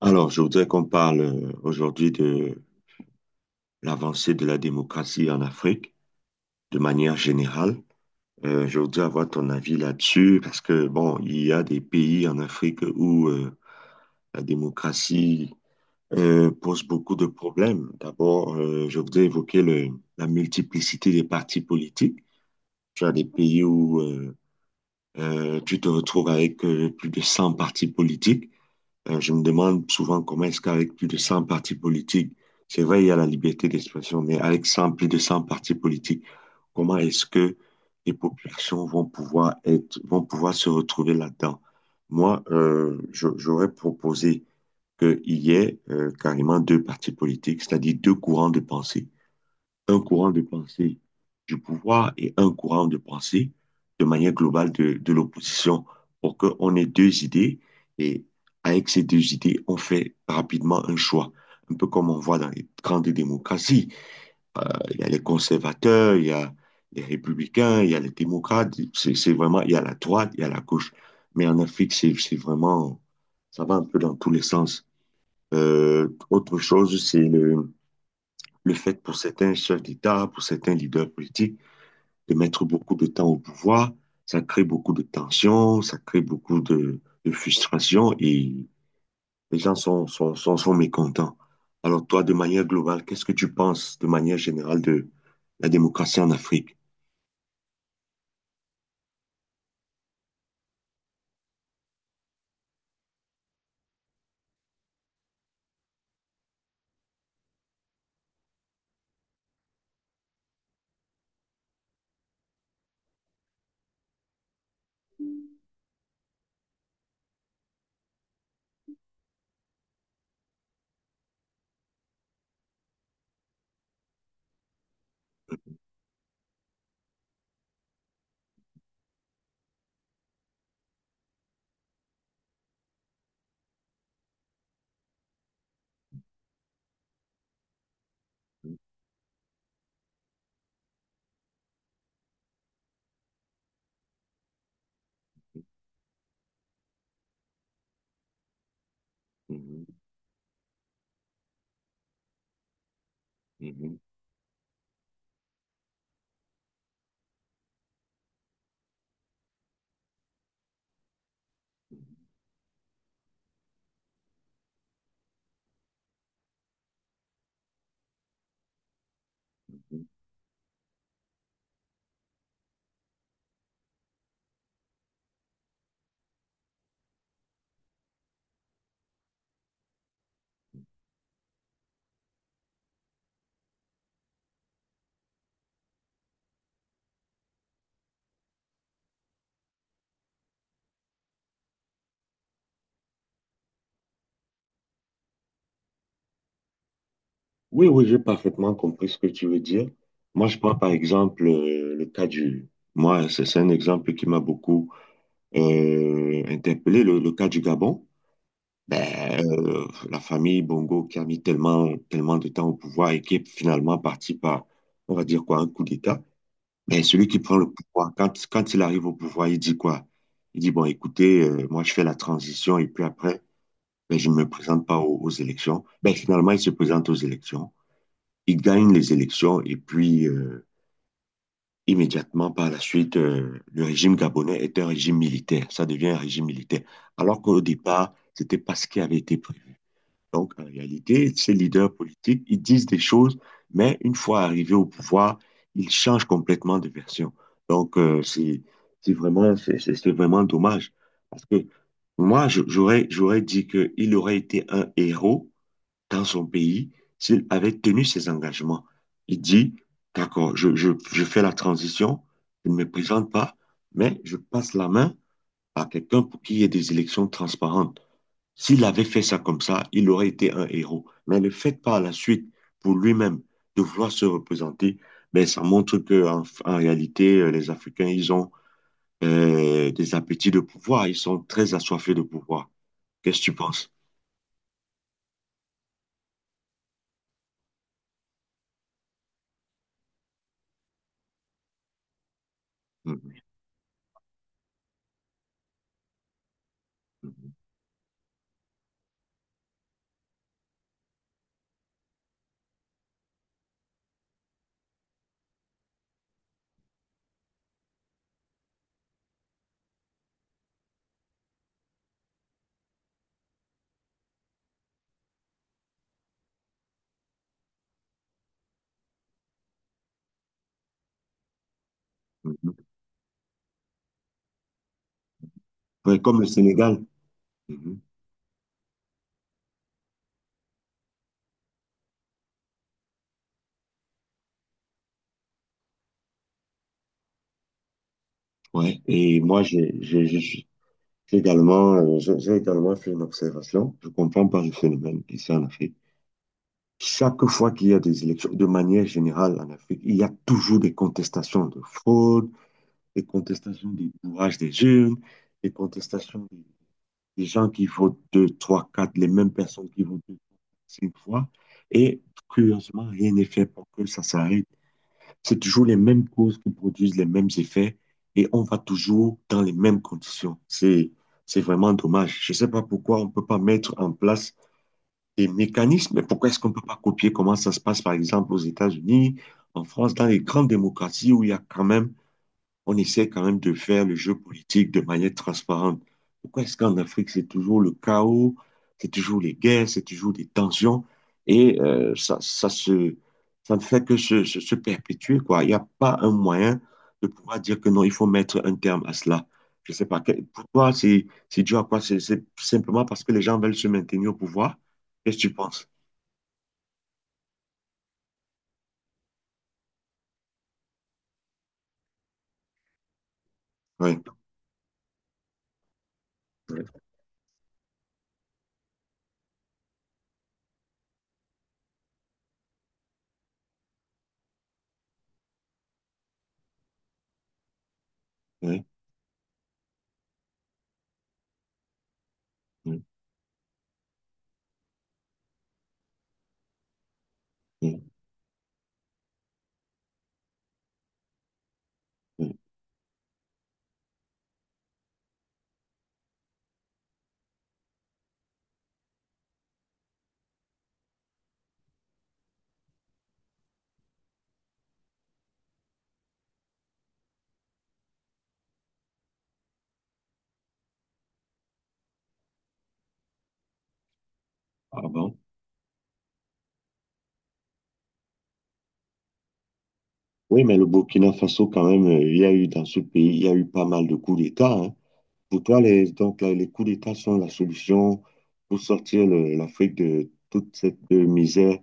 Alors, je voudrais qu'on parle aujourd'hui de l'avancée de la démocratie en Afrique de manière générale. Je voudrais avoir ton avis là-dessus parce que, bon, il y a des pays en Afrique où la démocratie pose beaucoup de problèmes. D'abord, je voudrais la multiplicité des partis politiques. Tu as des pays où tu te retrouves avec plus de 100 partis politiques. Je me demande souvent comment est-ce qu'avec plus de 100 partis politiques, c'est vrai, il y a la liberté d'expression, mais avec 100 plus de 100 partis politiques, comment est-ce que les populations vont pouvoir être, vont pouvoir se retrouver là-dedans? Moi, j'aurais proposé qu'il y ait carrément deux partis politiques, c'est-à-dire deux courants de pensée, un courant de pensée du pouvoir et un courant de pensée de manière globale de l'opposition, pour qu'on ait deux idées, et avec ces deux idées, on fait rapidement un choix. Un peu comme on voit dans les grandes démocraties. Il y a les conservateurs, il y a les républicains, il y a les démocrates. C'est vraiment, il y a la droite, il y a la gauche. Mais en Afrique, c'est vraiment, ça va un peu dans tous les sens. Autre chose, c'est le fait pour certains chefs d'État, pour certains leaders politiques, de mettre beaucoup de temps au pouvoir, ça crée beaucoup de tensions, ça crée beaucoup de frustration, et les gens sont mécontents. Alors toi, de manière globale, qu'est-ce que tu penses de manière générale de la démocratie en Afrique? Mhm, mhm. Oui, oui, j'ai parfaitement compris ce que tu veux dire. Moi, je prends par exemple le cas du... Moi, c'est un exemple qui m'a beaucoup interpellé, le cas du Gabon. Ben, la famille Bongo qui a mis tellement, tellement de temps au pouvoir et qui est finalement parti par, on va dire quoi, un coup d'État. Mais celui qui prend le pouvoir, quand il arrive au pouvoir, il dit quoi? Il dit, bon, écoutez, moi je fais la transition et puis après, ben, je ne me présente pas aux élections. Ben, finalement, il se présente aux élections. Il gagne les élections et puis immédiatement par la suite, le régime gabonais est un régime militaire. Ça devient un régime militaire. Alors qu'au départ, c'était pas ce qui avait été prévu. Donc, en réalité, ces leaders politiques, ils disent des choses, mais une fois arrivés au pouvoir, ils changent complètement de version. Donc, c'est vraiment dommage. Parce que moi, j'aurais dit qu'il aurait été un héros dans son pays s'il avait tenu ses engagements. Il dit, d'accord, je fais la transition, je ne me présente pas, mais je passe la main à quelqu'un pour qu'il y ait des élections transparentes. S'il avait fait ça comme ça, il aurait été un héros. Mais le fait par la suite, pour lui-même, de vouloir se représenter, ben, ça montre que en réalité, les Africains, ils ont des appétits de pouvoir. Ils sont très assoiffés de pouvoir. Qu'est-ce que tu penses? Mhm, mhm, mhm. Ouais, comme le Sénégal. Mhm. Ouais. Et moi, j'ai également, j'ai également fait une observation. Je comprends pas le phénomène ici en Afrique. Chaque fois qu'il y a des élections, de manière générale en Afrique, il y a toujours des contestations de fraude, des contestations du bourrage des jeunes, des contestations des gens qui votent deux, trois, quatre, les mêmes personnes qui votent deux, cinq fois. Et curieusement, rien n'est fait pour que ça s'arrête. C'est toujours les mêmes causes qui produisent les mêmes effets et on va toujours dans les mêmes conditions. C'est vraiment dommage. Je ne sais pas pourquoi on ne peut pas mettre en place des mécanismes. Pourquoi est-ce qu'on ne peut pas copier comment ça se passe, par exemple, aux États-Unis, en France, dans les grandes démocraties où il y a quand même, on essaie quand même de faire le jeu politique de manière transparente. Pourquoi est-ce qu'en Afrique, c'est toujours le chaos, c'est toujours les guerres, c'est toujours des tensions, et ça ne fait que se perpétuer, quoi. Il n'y a pas un moyen de pouvoir dire que non, il faut mettre un terme à cela. Je ne sais pas, pour toi, c'est dû à quoi? C'est simplement parce que les gens veulent se maintenir au pouvoir? Qu'est-ce que tu penses? Oui, oui, oui, oui, oui. Ah bon? Oui, mais le Burkina Faso, quand même, il y a eu dans ce pays, il y a eu pas mal de coups d'État, hein. Pour toi, les, donc, là, les coups d'État sont la solution pour sortir l'Afrique de toute cette misère,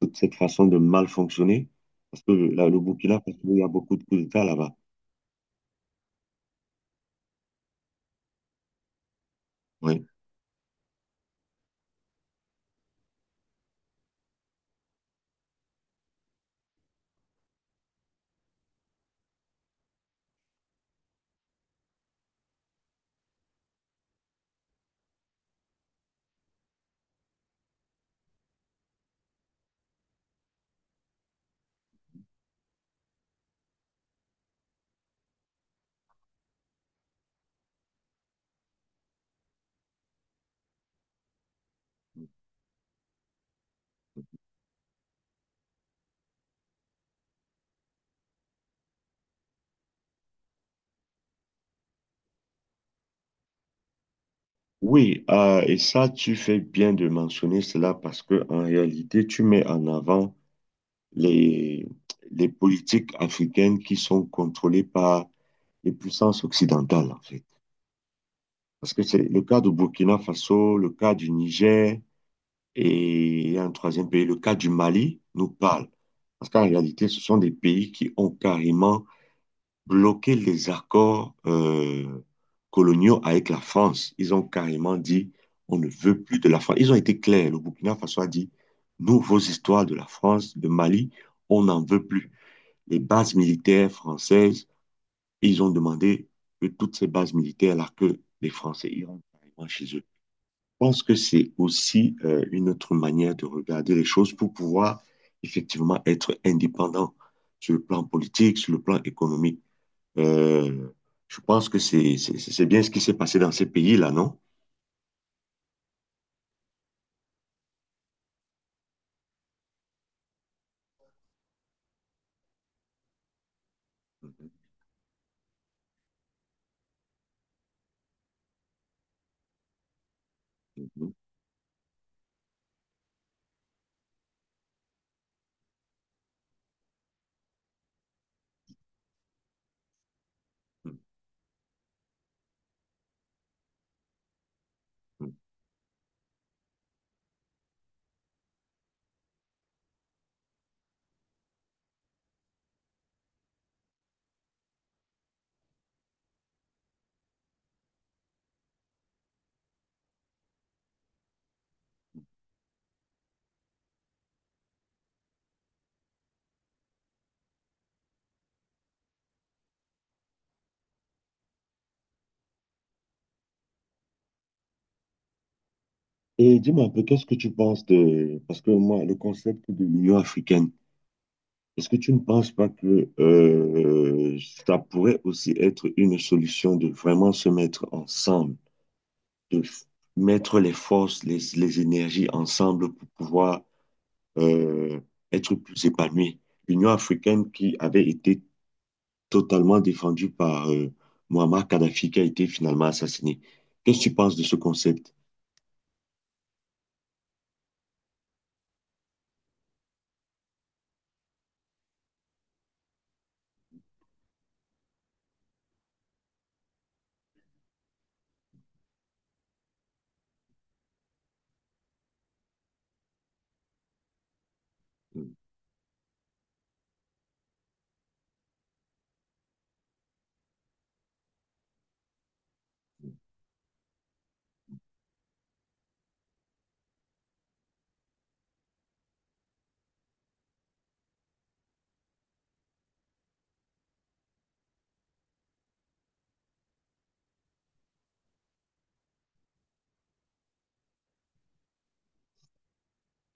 toute cette façon de mal fonctionner? Parce que là, le Burkina Faso, il y a beaucoup de coups d'État là-bas. Oui, oui et ça, tu fais bien de mentionner cela parce que en réalité, tu mets en avant les, les politiques africaines qui sont contrôlées par les puissances occidentales. Parce que c'est le cas du Burkina Faso, le cas du Niger, et il y a un troisième pays, le cas du Mali, nous parle. Parce qu'en réalité, ce sont des pays qui ont carrément bloqué les accords coloniaux avec la France. Ils ont carrément dit, on ne veut plus de la France. Ils ont été clairs. Le Burkina Faso a dit, nous, vos histoires de la France, de Mali, on n'en veut plus. Les bases militaires françaises, ils ont demandé que toutes ces bases militaires-là, que les Français iront carrément chez eux. Pense que c'est aussi une autre manière de regarder les choses pour pouvoir effectivement être indépendant sur le plan politique, sur le plan économique. Euh, je pense que c'est bien ce qui s'est passé dans ces pays-là, non? Et dis-moi un peu, qu'est-ce que tu penses de... Parce que moi, le concept de l'Union africaine, est-ce que tu ne penses pas que ça pourrait aussi être une solution de vraiment se mettre ensemble? de f- Mettre les forces, les énergies ensemble pour pouvoir euh, être plus épanoui. L'Union africaine qui avait été totalement défendue par Muammar Kadhafi qui a été finalement assassiné. Qu'est-ce que tu penses de ce concept?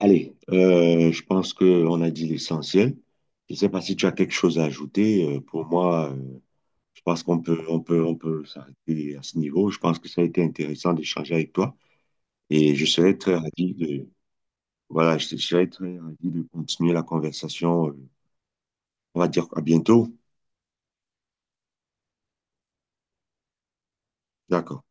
Allez, je pense qu'on a dit l'essentiel. Je ne sais pas si tu as quelque chose à ajouter. Pour moi, je pense qu'on peut s'arrêter à ce niveau. Je pense que ça a été intéressant d'échanger avec toi et je serais très ravi de... Voilà, je serais très ravi de continuer la conversation. On va dire à bientôt. D'accord.